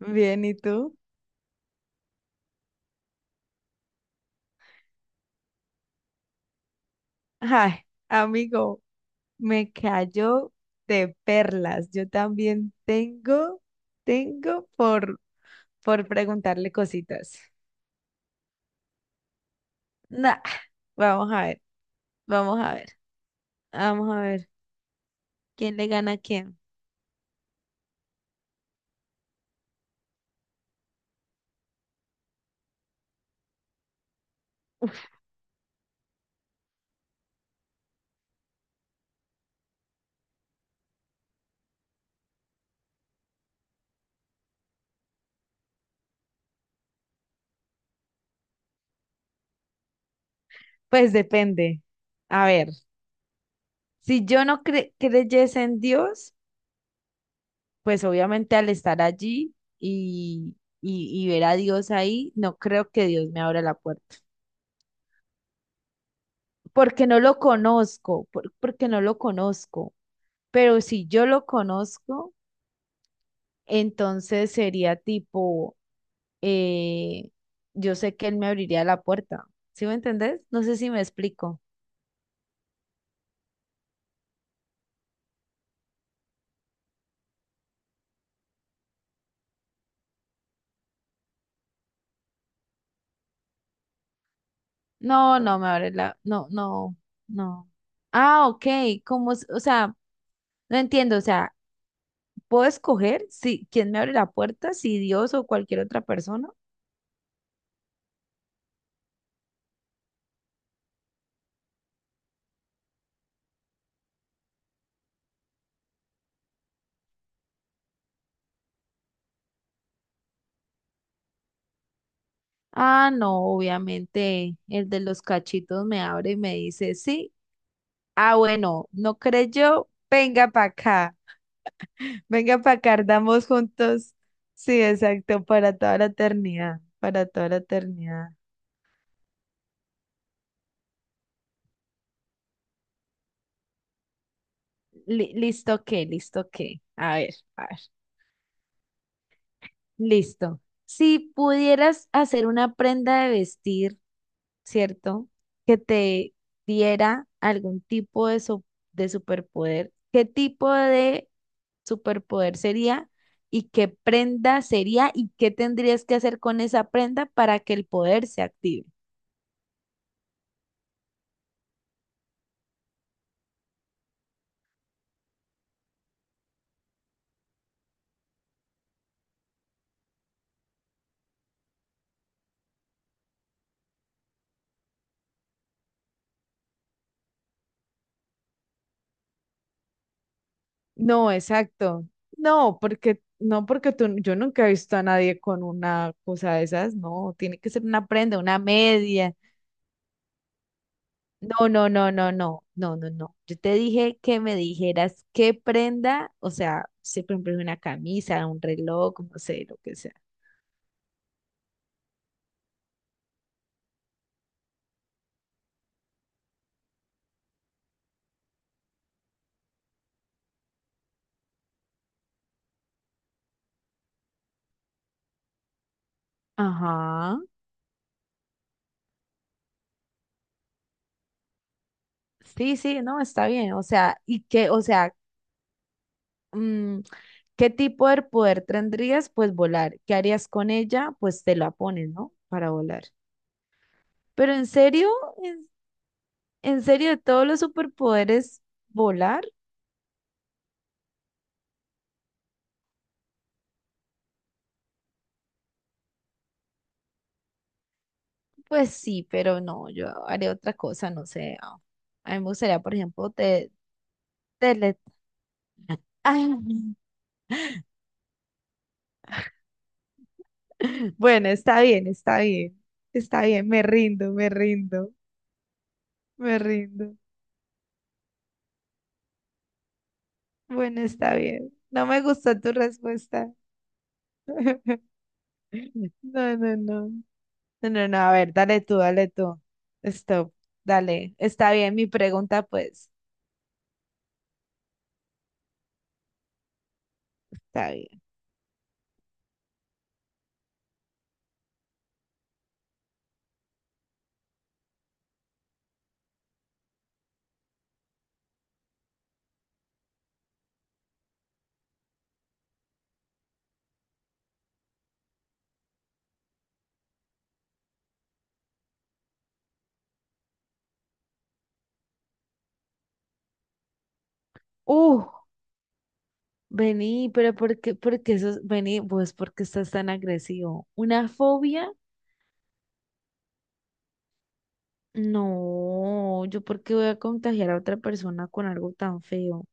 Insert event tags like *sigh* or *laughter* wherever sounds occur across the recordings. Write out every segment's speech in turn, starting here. Bien, ¿y tú? Ay, amigo, me cayó de perlas. Yo también tengo, tengo por preguntarle cositas. Nah, vamos a ver, vamos a ver, vamos a ver. ¿Quién le gana a quién? Pues depende. A ver, si yo no creyese en Dios, pues obviamente al estar allí y ver a Dios ahí, no creo que Dios me abra la puerta. Porque no lo conozco, porque no lo conozco. Pero si yo lo conozco, entonces sería tipo, eh, yo sé que él me abriría la puerta. ¿Sí me entendés? No sé si me explico. No, no me abre la, no, no, no. Ah, ok, como, o sea, no entiendo, o sea, ¿puedo escoger si quién me abre la puerta, si Dios o cualquier otra persona? Ah, no, obviamente el de los cachitos me abre y me dice, sí. Ah, bueno, no creyó, venga para acá. Venga para acá, ardamos juntos. Sí, exacto, para toda la eternidad, para toda la eternidad. Li- listo qué, listo qué. A ver, a ver. Listo. Si pudieras hacer una prenda de vestir, ¿cierto? Que te diera algún tipo de, su- de superpoder, ¿qué tipo de superpoder sería? ¿Y qué prenda sería? ¿Y qué tendrías que hacer con esa prenda para que el poder se active? No, exacto. No, porque no porque tú, yo nunca he visto a nadie con una cosa de esas, no, tiene que ser una prenda, una media. No, no, no, no, no, no, no, no. Yo te dije que me dijeras qué prenda, o sea, si por ejemplo es una camisa, un reloj, no sé, lo que sea. Ajá. Sí, sí, no, está bien. O sea, y que, o sea, mm, ¿qué tipo de poder tendrías? Pues volar. ¿Qué harías con ella? Pues te la pones, ¿no? Para volar. Pero en serio, en, en serio, de todos los superpoderes, volar, pues sí, pero no, yo haría otra cosa, no sé. A mí me gustaría, por ejemplo, te, tele... Ay, *laughs* bueno, está bien, está bien, está bien, me rindo, me rindo, me rindo. Bueno, está bien. No me gustó tu respuesta. *laughs* No, no, no. No, no, no, a ver, dale tú, dale tú. Stop, dale. Está bien, mi pregunta, pues, está bien. Uh, vení, pero por qué eso, vení, pues, ¿por qué estás tan agresivo? ¿Una fobia? No, yo por qué voy a contagiar a otra persona con algo tan feo.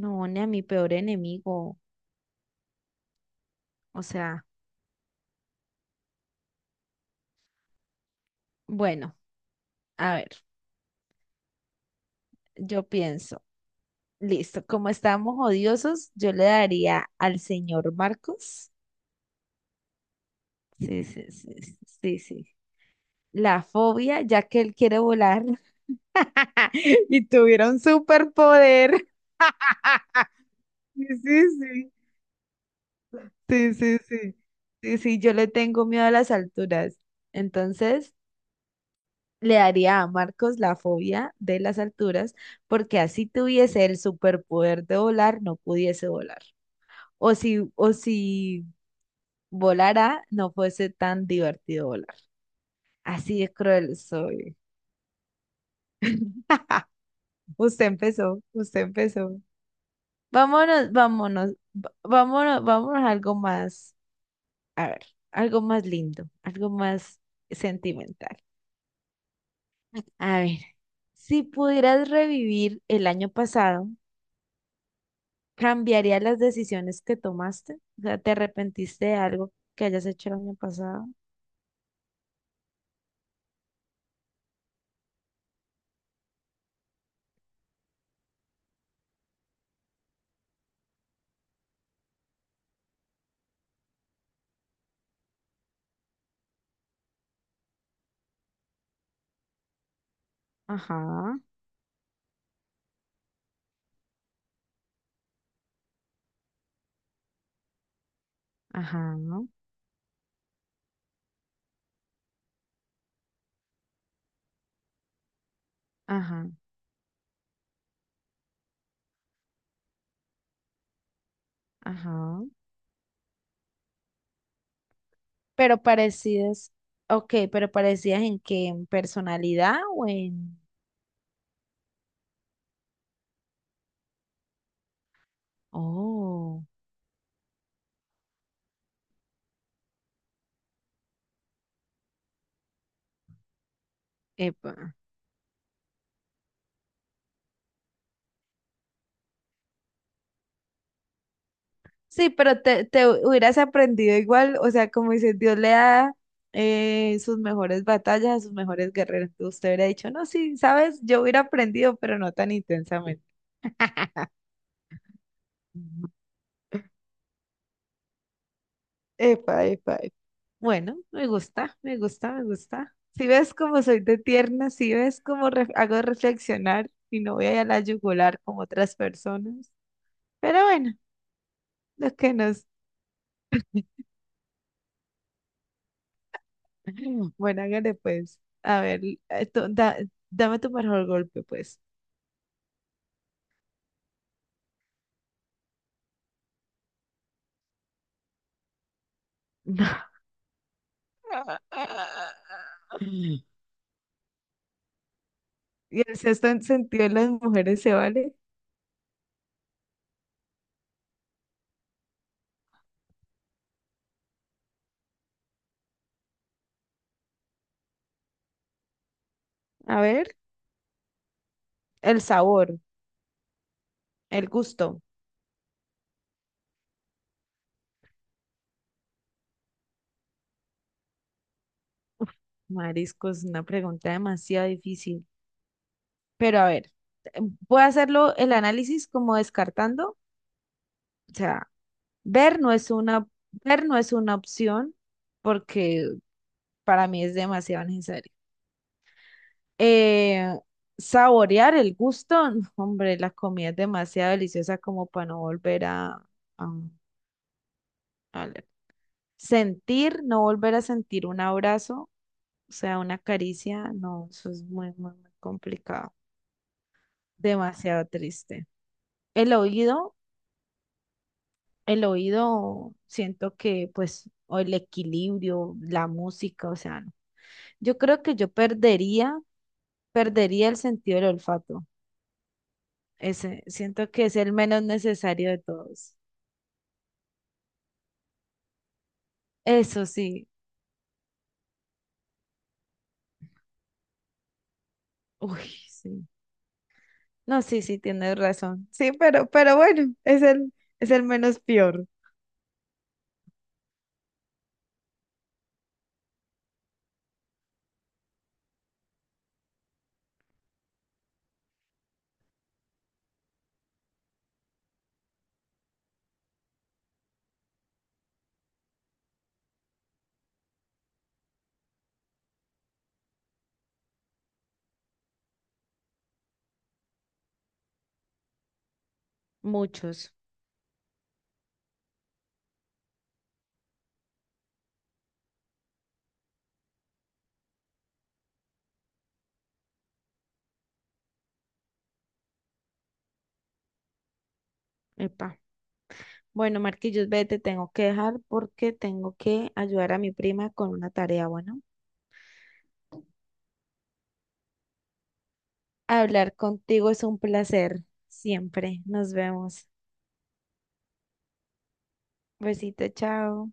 No, ni a mi peor enemigo. O sea, bueno, a ver, yo pienso, listo, como estamos odiosos, yo le daría al señor Marcos. Sí, sí, sí, sí, sí, sí. La fobia, ya que él quiere volar *laughs* y tuviera un superpoder. *laughs* Sí, sí, sí, sí, sí, sí, sí, sí, yo le tengo miedo a las alturas. Entonces, le daría a Marcos la fobia de las alturas, porque así tuviese el superpoder de volar, no pudiese volar. O si volara, no fuese tan divertido volar. Así de cruel soy. Usted empezó, usted empezó. Vámonos, vámonos, vámonos, vámonos a algo más, a ver, algo más lindo, algo más sentimental. A ver, si pudieras revivir el año pasado, ¿cambiarías las decisiones que tomaste? O sea, ¿te arrepentiste de algo que hayas hecho el año pasado? Ajá, ajá, ajá, ajá. Pero parecidas, ok, pero parecidas en qué, ¿en personalidad o en...? Oh, epa. Sí, pero te hubieras aprendido igual, o sea, como dices, Dios le da sus mejores batallas a sus mejores guerreros. Usted hubiera dicho, no, sí, sabes, yo hubiera aprendido, pero no tan intensamente. *laughs* Ujú. Epa, epa, epa. Bueno, me gusta, me gusta, me gusta. Si ves cómo soy de tierna, si ves cómo hago reflexionar y no voy a la yugular como otras personas. Pero bueno, lo que nos *laughs* bueno, hágale pues. A ver, esto, dame tu mejor golpe, pues. *laughs* Y el sexto sentido de las mujeres se vale. A ver, el sabor, el gusto. Uf, mariscos, una pregunta demasiado difícil. Pero a ver, eh, voy a hacerlo el análisis como descartando. O sea, ver no es una, ver no es una opción porque para mí es demasiado necesario. eh, saborear el gusto, no, hombre, la comida es demasiado deliciosa como para no volver a, a- a le- sentir, no volver a sentir un abrazo, o sea, una caricia, no, eso es muy, muy, muy complicado, demasiado triste. El oído, el oído, siento que pues, o el equilibrio, la música, o sea, no. Yo creo que yo perdería, perdería el sentido del olfato. Ese, siento que es el menos necesario de todos. Eso sí. Uy, sí. No, sí, sí, tienes razón. Sí, pero bueno, es el menos peor. Muchos. Epa. Bueno, Marquillos, vete, tengo que dejar porque tengo que ayudar a mi prima con una tarea, bueno. Hablar contigo es un placer, siempre. Nos vemos. Besito, chao.